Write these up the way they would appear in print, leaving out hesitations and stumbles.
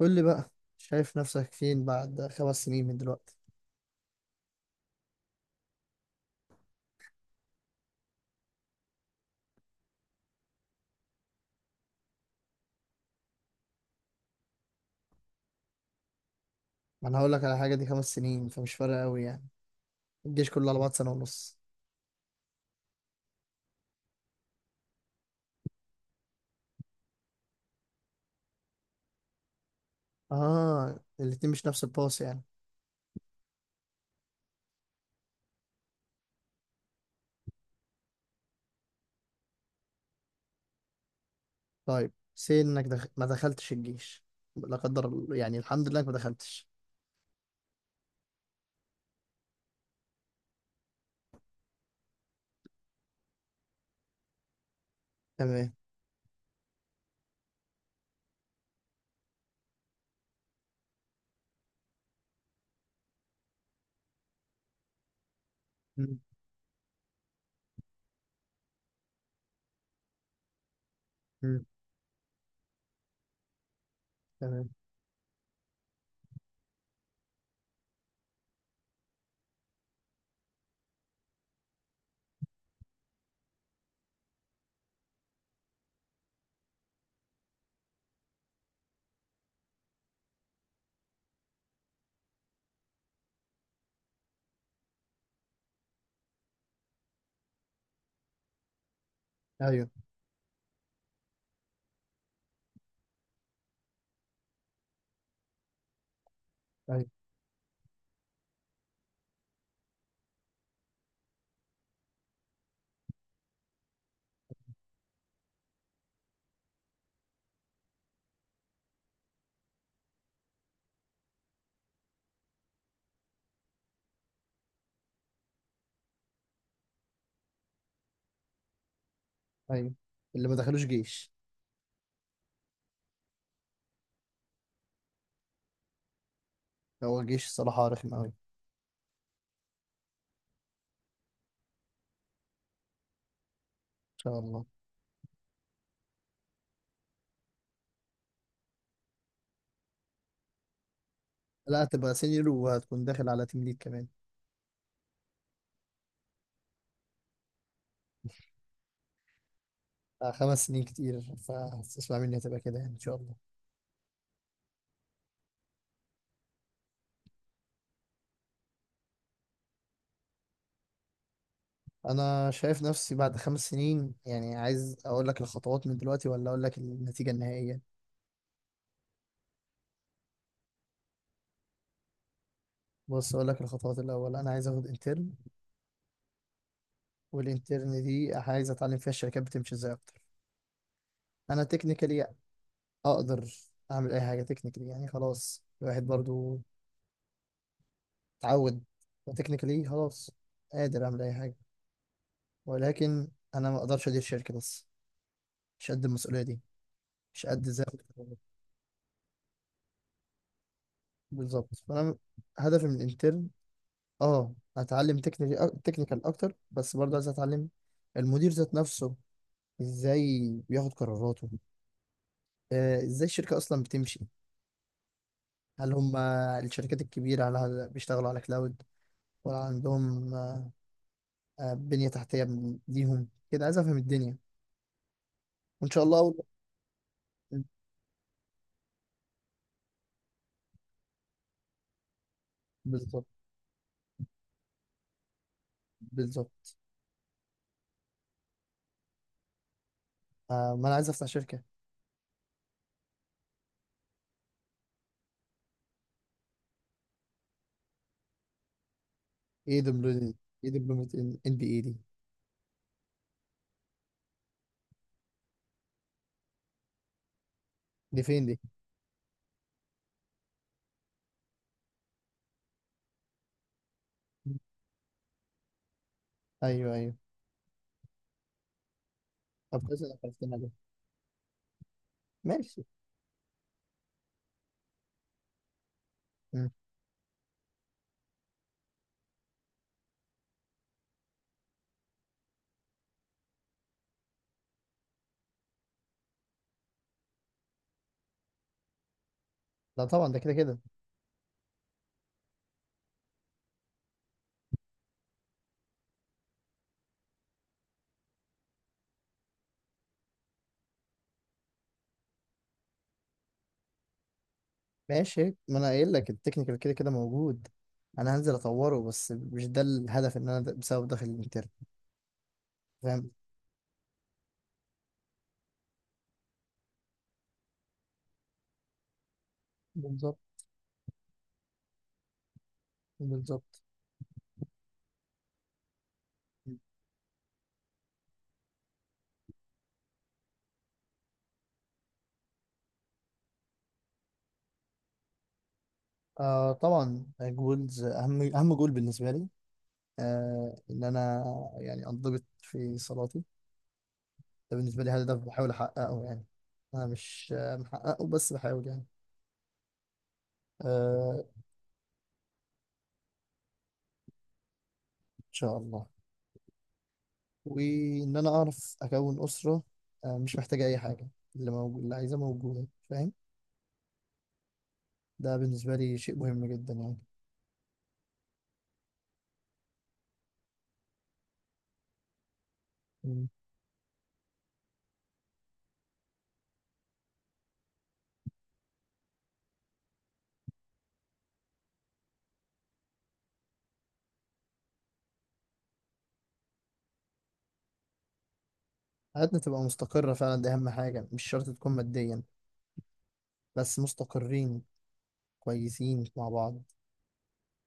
قول لي بقى، شايف نفسك فين بعد 5 سنين من دلوقتي؟ ما انا هقول لك على حاجه، دي 5 سنين فمش فارقه قوي يعني. الجيش كله على بعض سنه ونص. اه، الاتنين مش نفس الباص يعني. طيب سي انك ما دخلتش الجيش. لا قدر الله- يعني الحمد لله انك ما دخلتش. تمام. مم. مم. تمام. ايوه. ايوه. ايوه، اللي ما دخلوش جيش. هو الجيش الصراحه رخم قوي ان شاء الله. لا، هتبقى سينيور وهتكون داخل على تيم ليد كمان. خمس سنين كتير، فاسمع مني هتبقى كده يعني ان شاء الله. انا شايف نفسي بعد 5 سنين، يعني عايز اقول لك الخطوات من دلوقتي ولا اقول لك النتيجة النهائية؟ بص اقول لك الخطوات، الاول انا عايز اخد انترن. والانترن دي عايز اتعلم فيها الشركات بتمشي ازاي اكتر. انا تكنيكالي اقدر اعمل اي حاجة تكنيكالي، يعني خلاص الواحد برضو اتعود تكنيكالي خلاص قادر اعمل اي حاجة، ولكن انا ما اقدرش ادير شركة بس. مش قد المسؤولية دي. مش قد ازاي. بالظبط، فانا هدفي من الانترن اه اتعلم تكنيكال تكنيكال اكتر، بس برضه عايز اتعلم المدير ذات نفسه ازاي بياخد قراراته. ازاي الشركة اصلا بتمشي. هل هم الشركات الكبيرة على بيشتغلوا على كلاود ولا عندهم بنية تحتية ليهم كده؟ عايز افهم الدنيا وان شاء الله. أول- بالظبط، بالظبط. ما انا عايز افتح شركة. ايه دبلومة؟ ايه دبلومة ان بي اي دي؟ دي فين دي؟ ايوه، ايوه. طب كويس انك عرفتنا ده. ماشي. مم. لا طبعا، ده كده كده. ماشي، ما انا قايل لك التكنيكال كده كده موجود. انا هنزل اطوره بس مش ده الهدف ان انا بسبب داخل الانترن. فاهم. بالظبط، بالظبط. آه طبعا جولز، اهم اهم جول بالنسبه لي. ان انا يعني انضبط في صلاتي. ده بالنسبه لي هدف بحاول احققه يعني. انا مش محققه بس بحاول يعني. آه ان شاء الله. وان انا اعرف اكون اسره. مش محتاجه اي حاجه، اللي موجود اللي عايزاه موجوده، فاهم. ده بالنسبة لي شيء مهم جدا يعني. مم. حياتنا تبقى مستقرة فعلا، دي أهم حاجة مش شرط تكون ماديا، بس مستقرين كويسين مع بعض،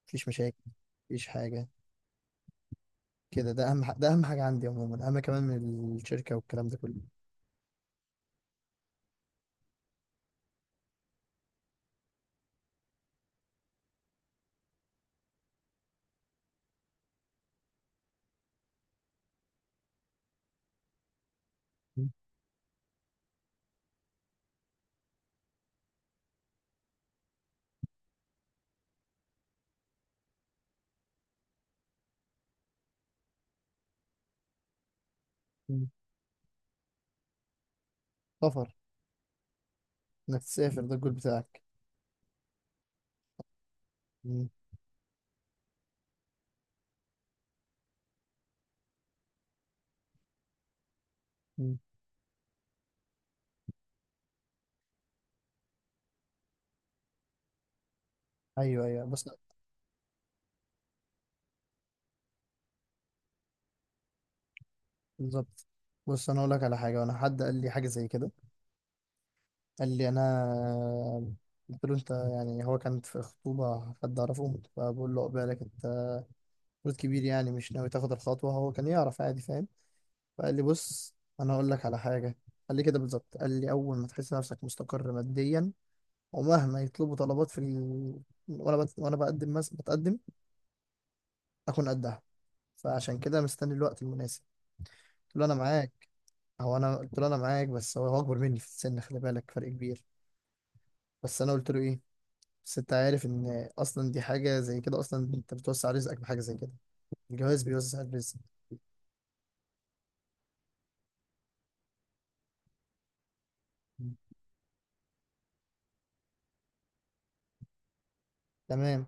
مفيش مشاكل، مفيش حاجة كده. ده أهم حاجة عندي عموما، أهم كمان من الشركة والكلام ده كله. مم. مم. سفر. إنك تسافر ده الجول بتاعك. مم. مم. أيوه، أيوه، بس. بالظبط. بص، أنا أقول لك على حاجة وأنا حد قال لي حاجة زي كده. قال لي أنا قلت له أنت يعني، هو كانت في خطوبة حد أعرفه فبقول له عقبالك أنت. جزء كبير يعني مش ناوي تاخد الخطوة، هو كان يعرف عادي فاهم. فقال لي بص، أنا هقول لك على حاجة. قال لي كده بالظبط، قال لي أول ما تحس نفسك مستقر ماديا، ومهما يطلبوا طلبات في وأنا بقدم بتقدم أكون قدها. فعشان كده مستني الوقت المناسب. قلت له أنا معاك. هو أنا قلت له أنا معاك، بس هو أكبر مني في السن، خلي بالك فرق كبير. بس أنا قلت له إيه، بس أنت عارف إن أصلا دي حاجة زي كده، أصلا أنت بتوسع رزقك بحاجة زي كده، الجواز بيوسع الرزق. تمام.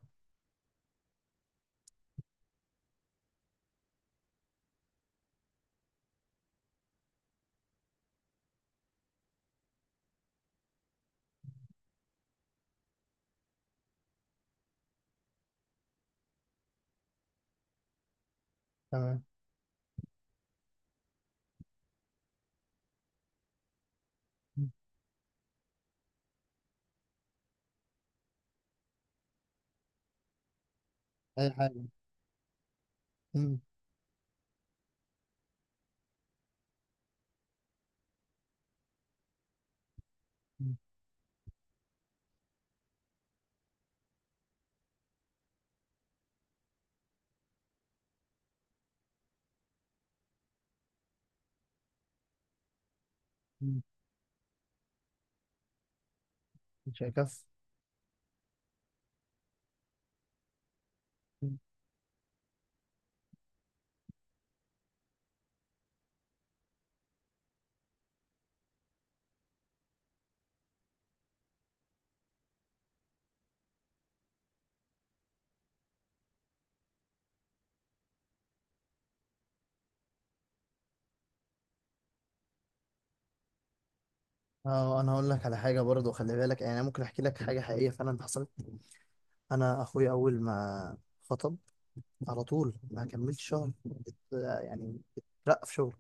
تمام. أي حاجة. مش هيكفي. اه، انا هقول لك على حاجه برضه خلي بالك يعني، انا ممكن احكي لك حاجه حقيقيه فعلا حصلت. انا اخويا اول ما خطب، على طول ما كملتش شهر ات- يعني اترقى في شغل.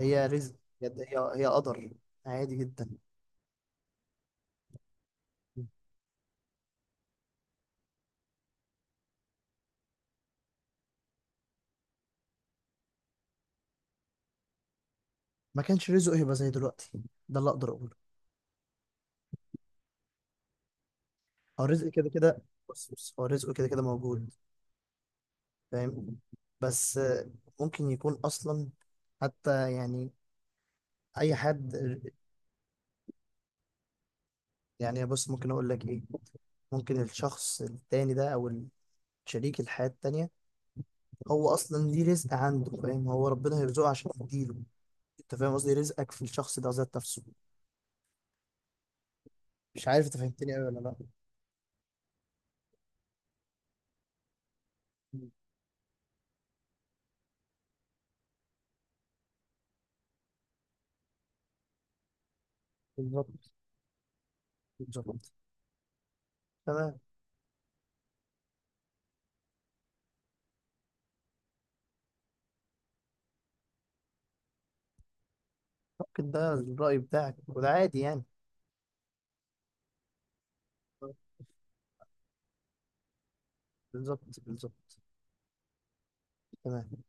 هي رزق. بجد، هي قدر. عادي جدا. ما كانش رزقه يبقى زي دلوقتي، ده اللي اقدر اقوله. هو رزق كده كده. بص بص، هو رزقه كده كده موجود. فاهم، بس ممكن يكون اصلا، حتى يعني اي حد. يعني بص، ممكن اقول لك ايه، ممكن الشخص التاني ده او شريك الحياة التانية هو اصلا ليه رزق عنده، فاهم؟ هو ربنا هيرزقه عشان يديله. انت فاهم قصدي، رزقك في الشخص ده ذات نفسه. مش عارف انت فهمتني قوي ولا لا؟ بالظبط، بالظبط. تمام. ممكن ده الرأي بتاعك وده عادي يعني. بالظبط، بالظبط. تمام.